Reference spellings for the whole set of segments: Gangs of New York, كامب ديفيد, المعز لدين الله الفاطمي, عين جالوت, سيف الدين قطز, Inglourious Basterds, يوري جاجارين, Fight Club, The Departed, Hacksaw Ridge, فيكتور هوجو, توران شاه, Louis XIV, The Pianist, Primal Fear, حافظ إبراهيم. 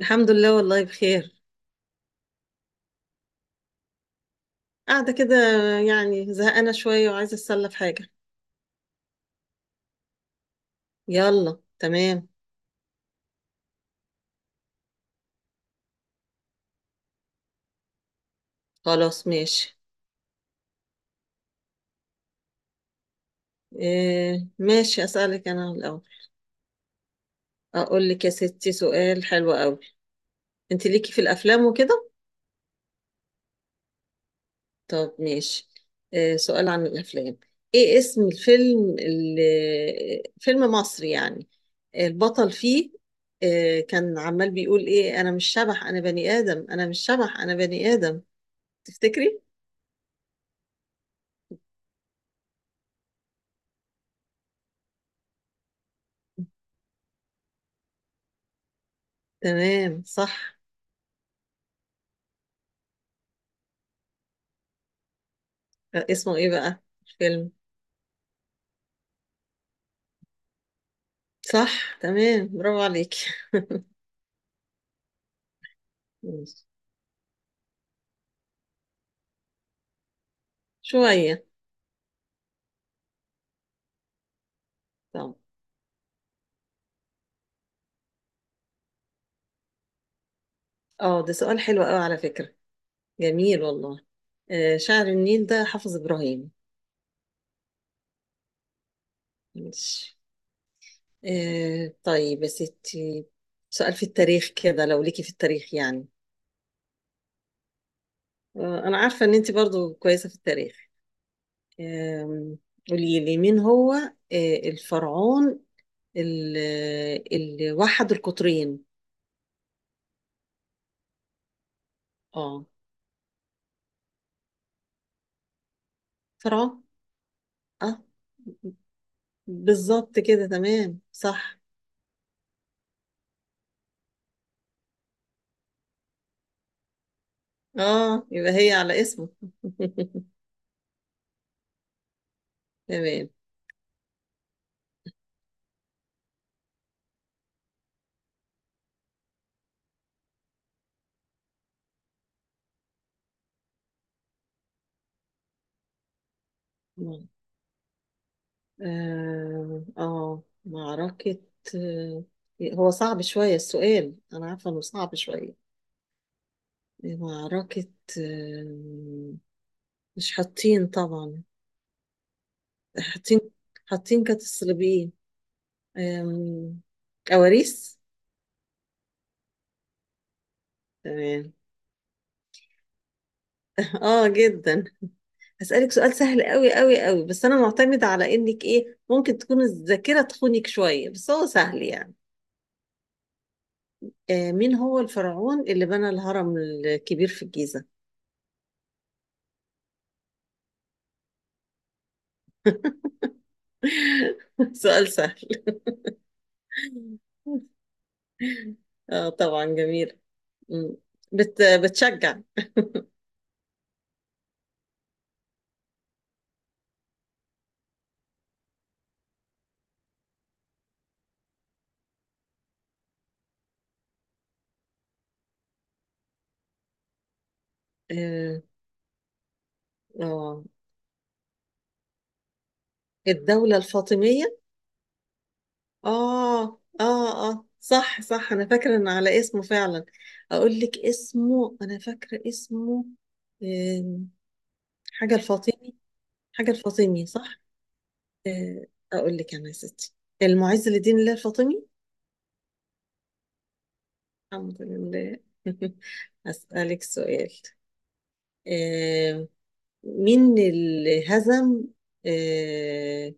الحمد لله، والله بخير. قاعدة كده، يعني زهقانة شوية وعايزة أتسلى في حاجة. يلا تمام. خلاص ماشي. إيه ماشي، أسألك أنا الأول. أقول لك يا ستي سؤال حلو قوي. أنت ليكي في الأفلام وكده؟ طب ماشي، إيه سؤال عن الأفلام. إيه اسم الفيلم اللي، فيلم مصري يعني، البطل فيه إيه كان عمال بيقول؟ إيه أنا مش شبح، أنا بني آدم، أنا مش شبح، أنا بني آدم. تفتكري؟ تمام صح. اسمه ايه بقى الفيلم؟ صح تمام، برافو عليك. ماشي. شوية. طب اه، ده سؤال حلو قوي على فكرة، جميل والله. آه، شاعر النيل ده حافظ إبراهيم. ماشي. آه طيب يا ستي، سؤال في التاريخ كده، لو ليكي في التاريخ يعني. آه، أنا عارفة إن أنت برضو كويسة في التاريخ. آم، قولي لي مين هو الفرعون اللي وحد القطرين. اه، فرعون. اه، بالظبط كده تمام صح. اه، يبقى هي على اسمه. تمام. اه. معركة. آه، هو صعب شوية السؤال، أنا عارفة إنه صعب شوية. معركة. آه، مش حاطين طبعا. حاطين. حاطين كانت الصليبيين. آم، كواريس. تمام. اه جدا. هسألك سؤال سهل قوي قوي قوي، بس أنا معتمدة على إنك إيه ممكن تكون الذاكرة تخونك شوية، بس هو سهل يعني. آه، مين هو الفرعون اللي بنى الهرم الكبير في الجيزة؟ سؤال سهل. آه طبعا، جميل. مم. بت بتشجع. آه. آه، الدولة الفاطمية. آه. آه آه، صح صح، أنا فاكرة إن على اسمه فعلا. أقول لك اسمه، أنا فاكرة اسمه آه، حاجة الفاطمي. حاجة الفاطمي صح. آه، أقول لك أنا يا ستي، المعز لدين الله الفاطمي. الحمد لله. أسألك سؤال. آه، مين اللي هزم آه،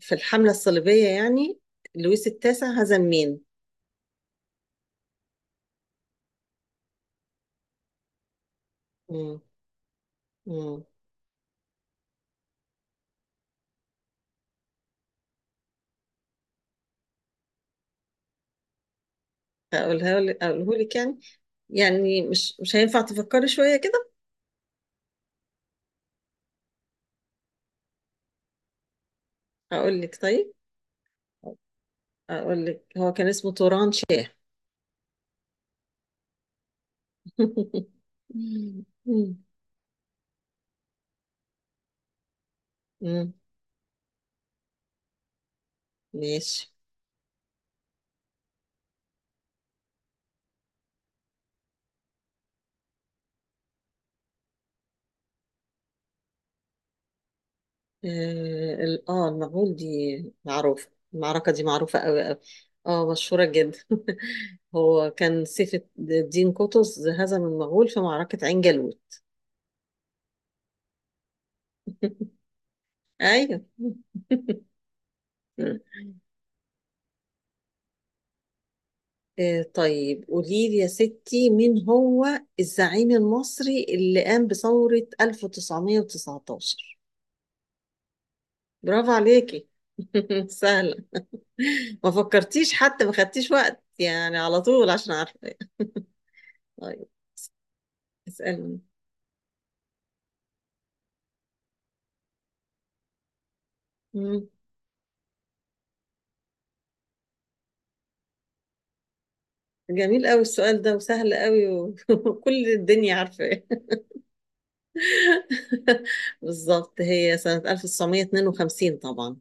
في الحملة الصليبية يعني، لويس التاسع هزم مين؟ مم. مم. هقولها لك، أقوله لك يعني، يعني مش هينفع تفكري شوية كده؟ أقول لك طيب. أقول لك هو كان اسمه توران شاه. مم. مم. ماشي. اه المغول، دي معروفة، المعركة دي معروفة قوي قوي. اه، مشهورة جدا. هو كان سيف الدين قطز هزم المغول في معركة عين جالوت. ايوه. مم. آه طيب، قولي لي يا ستي، مين هو الزعيم المصري اللي قام بثورة 1919؟ برافو عليكي. سهلة. ما فكرتيش حتى، ما خدتيش وقت يعني، على طول عشان عارفة. طيب، اسألني. مم. جميل قوي السؤال ده وسهل قوي وكل الدنيا عارفاه. بالظبط، هي سنة 1952 طبعا.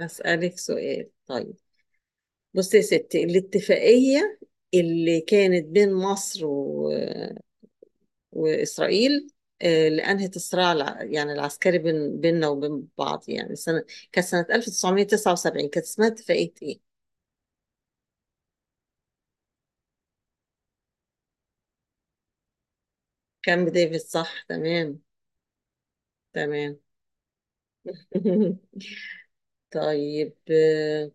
هسألك سؤال طيب. بصي يا ستي، الاتفاقية اللي كانت بين مصر و... وإسرائيل، اللي أنهت الصراع الع... يعني العسكري بين... بيننا وبين بعض يعني، سنة كانت سنة 1979، كانت اسمها اتفاقية إيه؟ كامب ديفيد، صح تمام. تمام. طيب اه.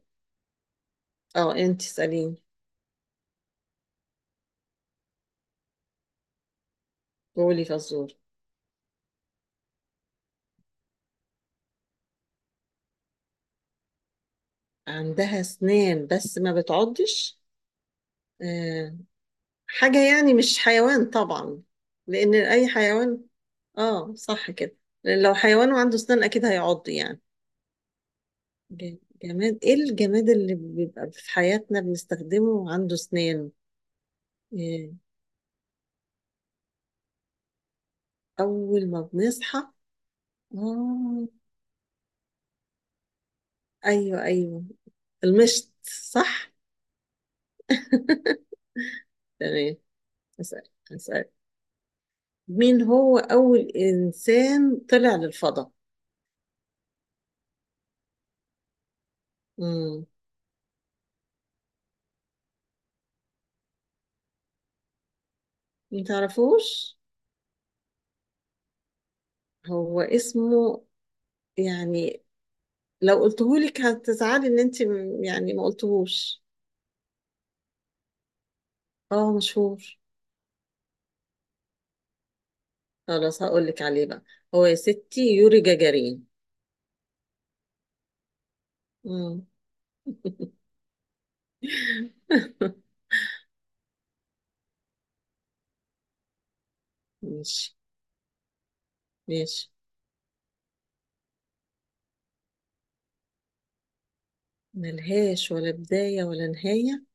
آه، انت اسأليني. بولي فزور. عندها اسنان بس ما بتعضش؟ آه، حاجة يعني مش حيوان طبعا، لان اي حيوان، اه صح كده، لأن لو حيوان وعنده اسنان اكيد هيعض يعني. ج- جماد. ايه الجماد اللي بيبقى في حياتنا بنستخدمه وعنده اسنان؟ آه، اول ما بنصحى. اه، ايوه، المشط صح. تمام. اسال. مين هو اول انسان طلع للفضاء؟ مم. متعرفوش؟ هو اسمه يعني، لو قلتهولك هتزعلي ان انت يعني ما قلتهوش. اه مشهور. خلاص، هقولك عليه بقى. هو يا ستي يوري جاجارين. مم. ماشي. ماشي. ملهاش ولا بداية ولا نهاية؟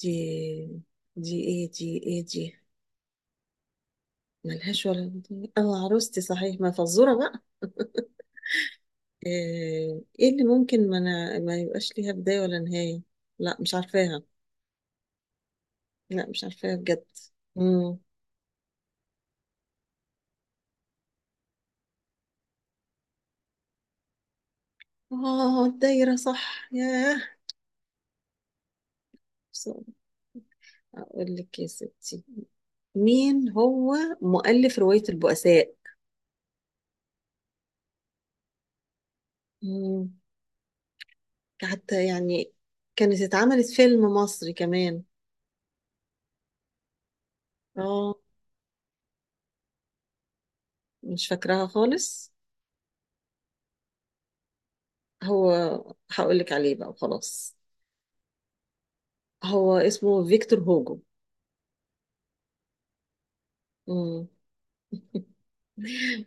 دي، دي ايه دي؟ ملهاش ولا بداية، اه، عروستي صحيح، ما فزورة بقى. آه، ايه اللي ممكن ما يبقاش ليها بداية ولا نهاية؟ لا مش عارفاها. لا مش عارفاها بجد. امم. اه، الدايرة صح، ياه. بس اقول لك يا ستي، مين هو مؤلف رواية البؤساء؟ امم. حتى يعني كانت اتعملت فيلم مصري كمان. اه، مش فاكراها خالص. هو هقول لك عليه بقى وخلاص. هو اسمه فيكتور هوجو. امم.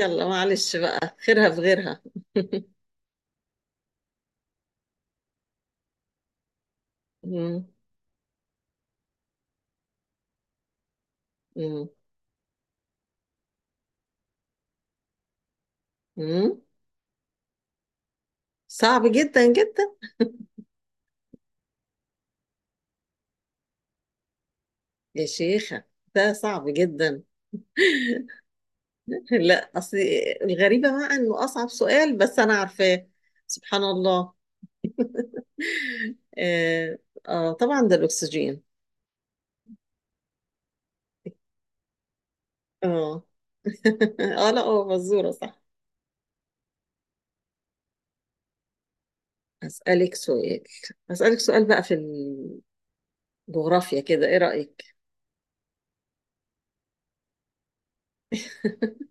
يلا معلش بقى، خيرها في غيرها. مم. مم. مم. صعب جدا جدا. يا شيخة، ده صعب جدا. لا اصل، الغريبة بقى انه اصعب سؤال بس انا عارفاه. سبحان الله. آه، اه طبعا ده الاكسجين. اه. اه لا، هو مزورة صح. اسألك سؤال. اسألك سؤال بقى في الجغرافيا كده، ايه رأيك؟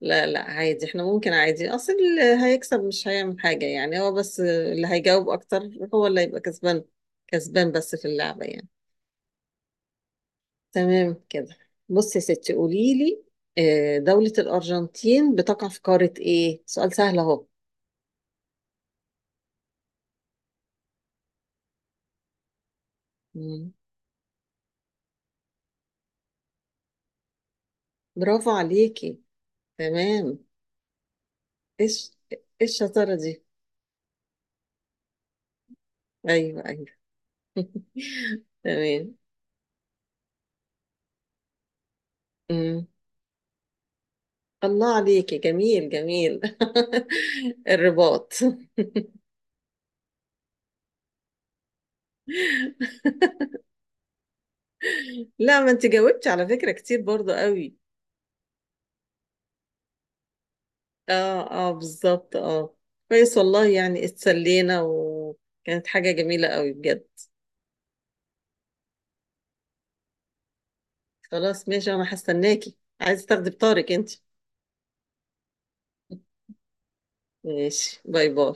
لا عادي، احنا ممكن عادي، اصل اللي هيكسب مش هيعمل حاجة يعني، هو بس اللي هيجاوب اكتر هو اللي هيبقى كسبان، كسبان بس في اللعبة يعني. تمام كده. بصي يا ستي، قولي لي، آه، دولة الأرجنتين بتقع في قارة إيه؟ سؤال سهل أهو. مم. برافو عليكي، تمام. إيش، إيش الشطارة دي؟ أيوه أيوه. تمام. مم. الله عليكي، جميل جميل. الرباط. لا، ما أنت جاوبتي على فكرة كتير برضو قوي. آه آه بالظبط آه. كويس والله، يعني اتسلينا وكانت حاجة جميلة قوي بجد. خلاص ماشي، انا هستناكي. عايز تاخدي بطارق انت؟ ماشي، باي باي.